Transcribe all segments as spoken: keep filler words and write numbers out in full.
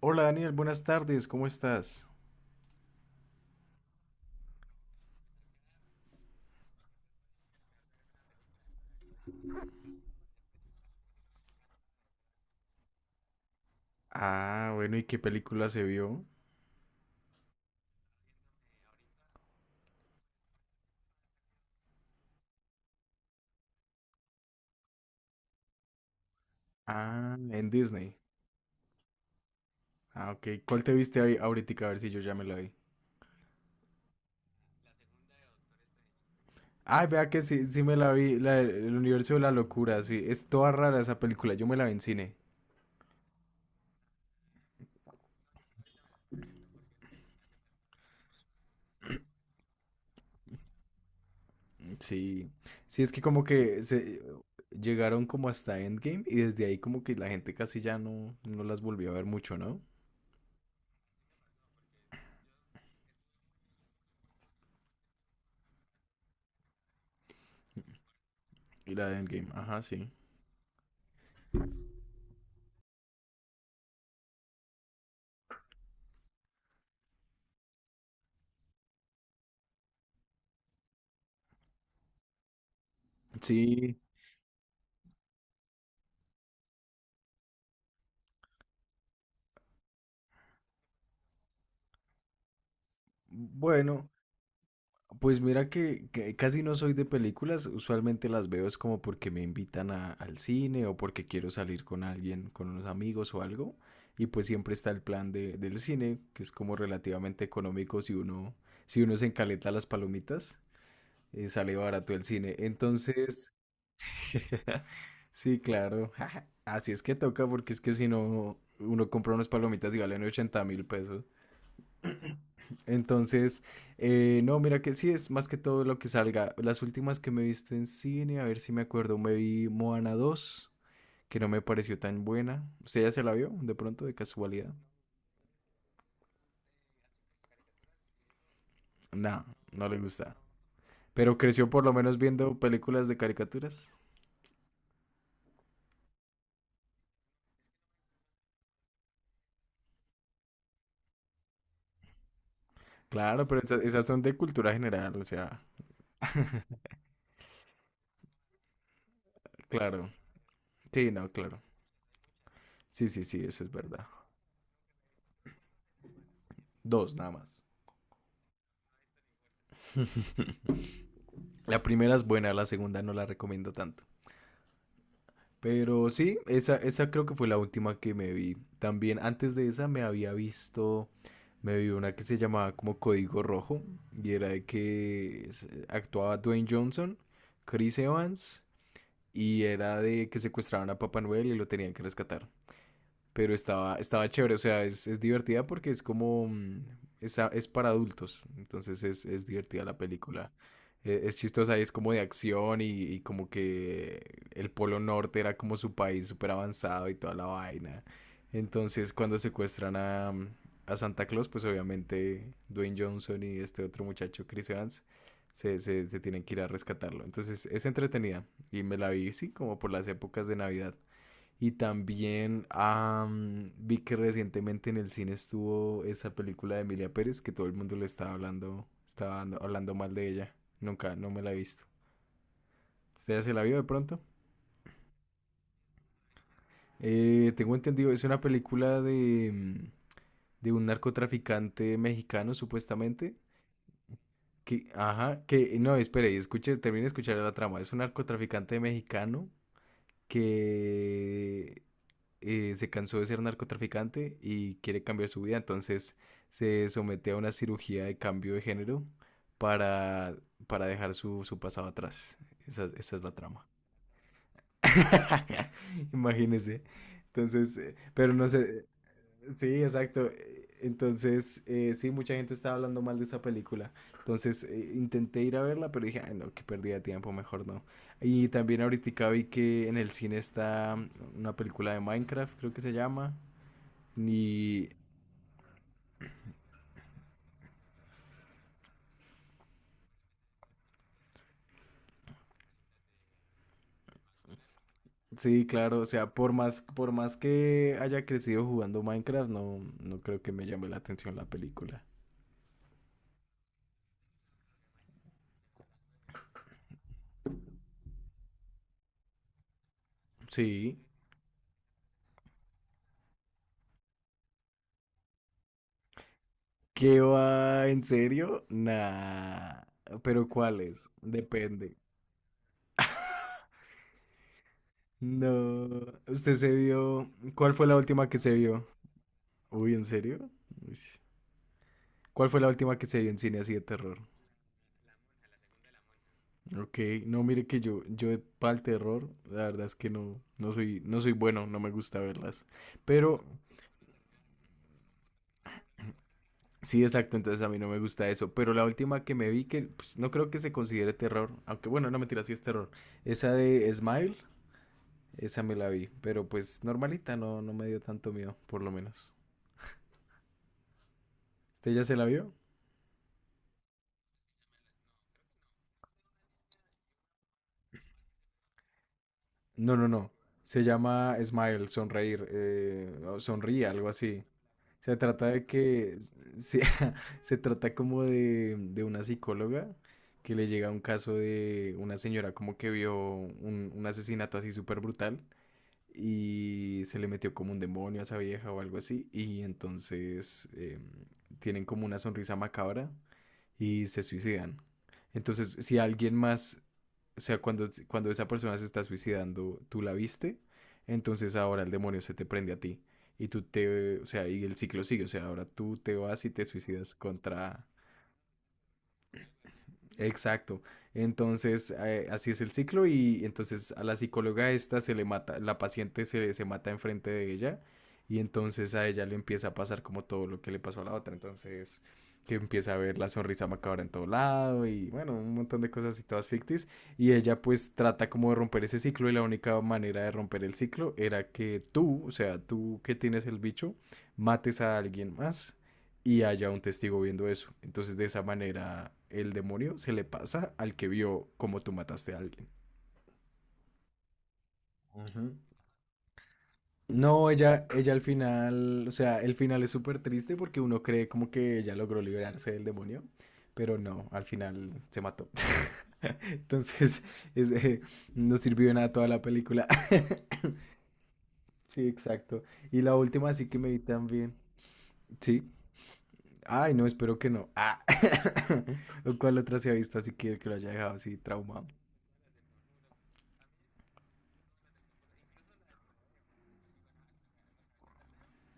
Hola Daniel, buenas tardes, ¿cómo estás? Ah, bueno, ¿y qué película se vio? Ah, en Disney. Ah, ok. ¿Cuál te viste ahí ahorita? A ver si yo ya me la vi. Ay, vea que sí, sí me la vi, la del- el universo de la locura, sí. Es toda rara esa película, yo me la vi en cine. Mm, sí. Sí, es que como que se llegaron como hasta Endgame y desde ahí como que la gente casi ya no, no las volvió a ver mucho, ¿no? Y la de Endgame, ajá, sí. Sí, bueno, pues mira que, que casi no soy de películas, usualmente las veo es como porque me invitan a- al cine o porque quiero salir con alguien, con unos amigos o algo, y pues siempre está el plan de, del cine, que es como relativamente económico si uno, si uno se encaleta las palomitas, eh, sale barato el cine. Entonces, sí, claro, así es que toca porque es que si no, uno compra unas palomitas y valen ochenta mil pesos. Entonces, eh, no, mira que sí, es más que todo lo que salga. Las últimas que me he visto en cine, a ver si me acuerdo, me vi Moana dos, que no me pareció tan buena. ¿Usted ya se la vio de pronto, de casualidad? No, no le gusta. Pero creció por lo menos viendo películas de caricaturas. Claro, pero esas, esas son de cultura general, o sea, claro. Sí, no, claro. Sí, sí, sí, eso es verdad. Dos, nada más. La primera es buena, la segunda no la recomiendo tanto. Pero sí, esa, esa creo que fue la última que me vi. También antes de esa me había visto, me vi una que se llamaba como Código Rojo y era de que se- actuaba Dwayne Johnson, Chris Evans y era de que secuestraban a Papá Noel y lo tenían que rescatar. Pero estaba, estaba chévere, o sea, es, es divertida porque es como. mm, Es, a- es para adultos, entonces es, es divertida la película. Eh, Es, chistosa y es como de acción y, y, como que el Polo Norte era como su país súper avanzado y toda la vaina. Entonces cuando secuestran a, mm, a Santa Claus, pues obviamente Dwayne Johnson y este otro muchacho, Chris Evans, se, se, se tienen que ir a rescatarlo. Entonces es entretenida y me la vi, sí, como por las épocas de Navidad. Y también am, vi que recientemente en el cine estuvo esa película de Emilia Pérez que todo el mundo le estaba hablando, estaba dando- hablando mal de ella. Nunca, no me la he visto. ¿Usted ya se la vio de pronto? Eh, tengo entendido, es una película de, mm, de un narcotraficante mexicano, supuestamente. Que, ajá, que, no, espere, y escuche, termine de escuchar la trama. Es un narcotraficante mexicano que eh, se cansó de ser narcotraficante y quiere cambiar su vida, entonces se somete a una cirugía de cambio de género para, para, dejar su, su pasado atrás. Esa, esa es la trama. Imagínese. Entonces, eh, pero no sé. Sí, exacto. eh, Entonces, eh, sí, mucha gente estaba hablando mal de esa película. Entonces, eh, intenté ir a verla, pero dije, ay, no, qué pérdida de tiempo, mejor no. Y también ahorita vi que en el cine está una película de Minecraft, creo que se llama. Ni. Sí, claro, o sea, por más, por más que haya crecido jugando Minecraft, no, no creo que me llame la atención la película. Sí. ¿Qué va? ¿En serio? Nah. ¿Pero cuáles? Depende. No. ¿Usted se vio? ¿Cuál fue la última que se vio? Uy, ¿en serio? Uy. ¿Cuál fue la última que se vio en cine así de terror? Ok, no, mire que yo, yo para el terror, la verdad es que no, no soy, no soy bueno, no me gusta verlas. Pero sí, exacto, entonces a mí no me gusta eso, pero la última que me vi que pues, no creo que se considere terror, aunque bueno, no mentira, sí es terror. Esa de Smile, esa me la vi, pero pues normalita, no, no me dio tanto miedo, por lo menos. ¿Usted ya se la vio? No, no, no. Se llama Smile, sonreír, eh, o sonríe, algo así. Se trata de que, se, Se trata como de, de una psicóloga que le llega un caso de una señora como que vio un, un asesinato así súper brutal y se le metió como un demonio a esa vieja o algo así y entonces eh, tienen como una sonrisa macabra y se suicidan. Entonces, si alguien más, o sea, cuando, cuando esa persona se está suicidando, tú la viste, entonces ahora el demonio se te prende a ti y tú te, o sea, y el ciclo sigue, o sea, ahora tú te vas y te suicidas contra Exacto. Entonces, eh, así es el ciclo y entonces a la psicóloga esta se le mata, la paciente se, se mata enfrente de ella y entonces a ella le empieza a pasar como todo lo que le pasó a la otra. Entonces, que empieza a ver la sonrisa macabra en todo lado y bueno, un montón de cosas y todas ficticias. Y ella pues trata como de romper ese ciclo y la única manera de romper el ciclo era que tú, o sea, tú que tienes el bicho, mates a alguien más y haya un testigo viendo eso. Entonces de esa manera el demonio se le pasa al que vio cómo tú mataste a alguien. Ujú. No, ella, ella al final, o sea, el final es súper triste porque uno cree como que ella logró liberarse del demonio, pero no, al final se mató. Entonces, es, eh, no sirvió de nada toda la película. Sí, exacto. Y la última sí que me vi también. Sí. Ay, no, espero que no. Ah. ¿Cuál otra se ha visto así que, que lo haya dejado así traumado?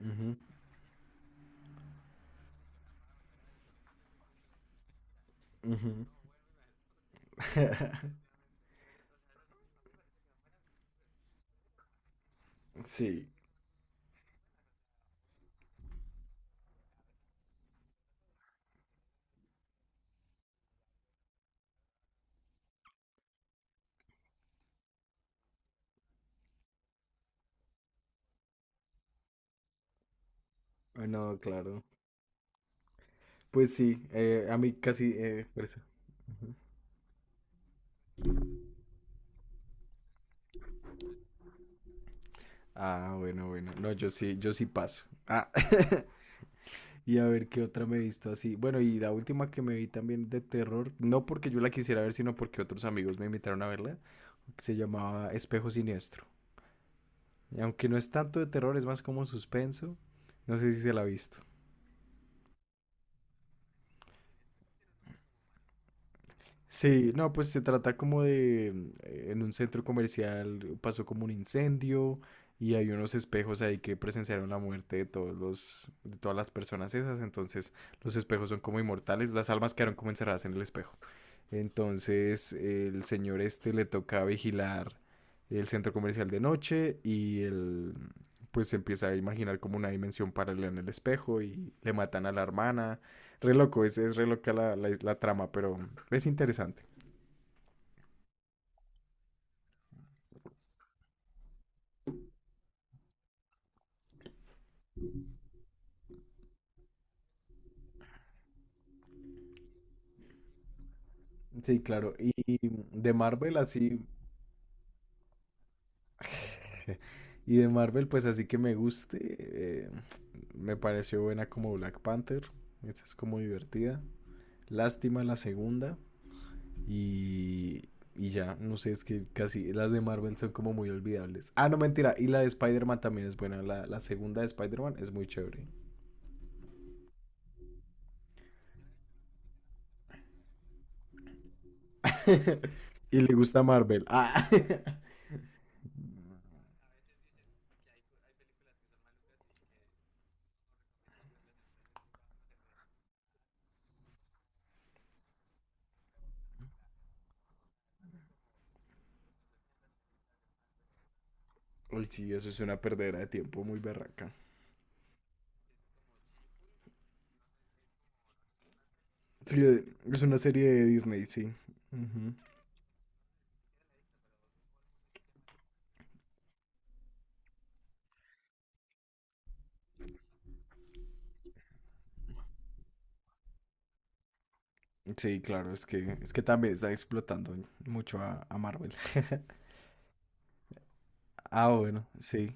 Ujú, ujú. Sí, no, claro. Pues sí, eh, a mí casi eh, por eso. Ah, bueno, bueno. No, yo sí, yo sí paso. Ah, y a ver qué otra me he visto así. Bueno, y la última que me vi también de terror, no porque yo la quisiera ver, sino porque otros amigos me invitaron a verla, se llamaba Espejo Siniestro. Y aunque no es tanto de terror, es más como suspenso. No sé si se la ha visto. Sí, no, pues se trata como de, mm, eh, en un centro comercial pasó como un incendio y hay unos espejos ahí que presenciaron la muerte de todos los, de todas las personas esas, entonces los espejos son como inmortales, las almas quedaron como encerradas en el espejo. Entonces el señor este le toca vigilar el centro comercial de noche y él pues se empieza a imaginar como una dimensión paralela en el espejo y le matan a la hermana. Re loco, es, es re loca la, la, la trama, pero es interesante. Sí, claro. Y y de Marvel así. Y de Marvel, pues así que me guste. eh, Me pareció buena como Black Panther. Esa es como divertida. Lástima la segunda. Y, y ya, no sé, es que casi las de Marvel son como muy olvidables. Ah, no, mentira. Y la de Spider-Man también es buena. La, la segunda de Spider-Man es muy chévere. Y le gusta Marvel. Ah. Uy, sí, eso es una perdera de tiempo muy berraca. Sí, es una serie de Disney, sí. Ujú. Sí, claro, es que, es que, también está explotando mucho a, a Marvel. Ah, bueno, sí.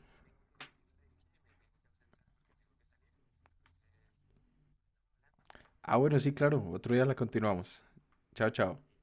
Ah, bueno, sí, claro. Otro día la continuamos. Chao, chao.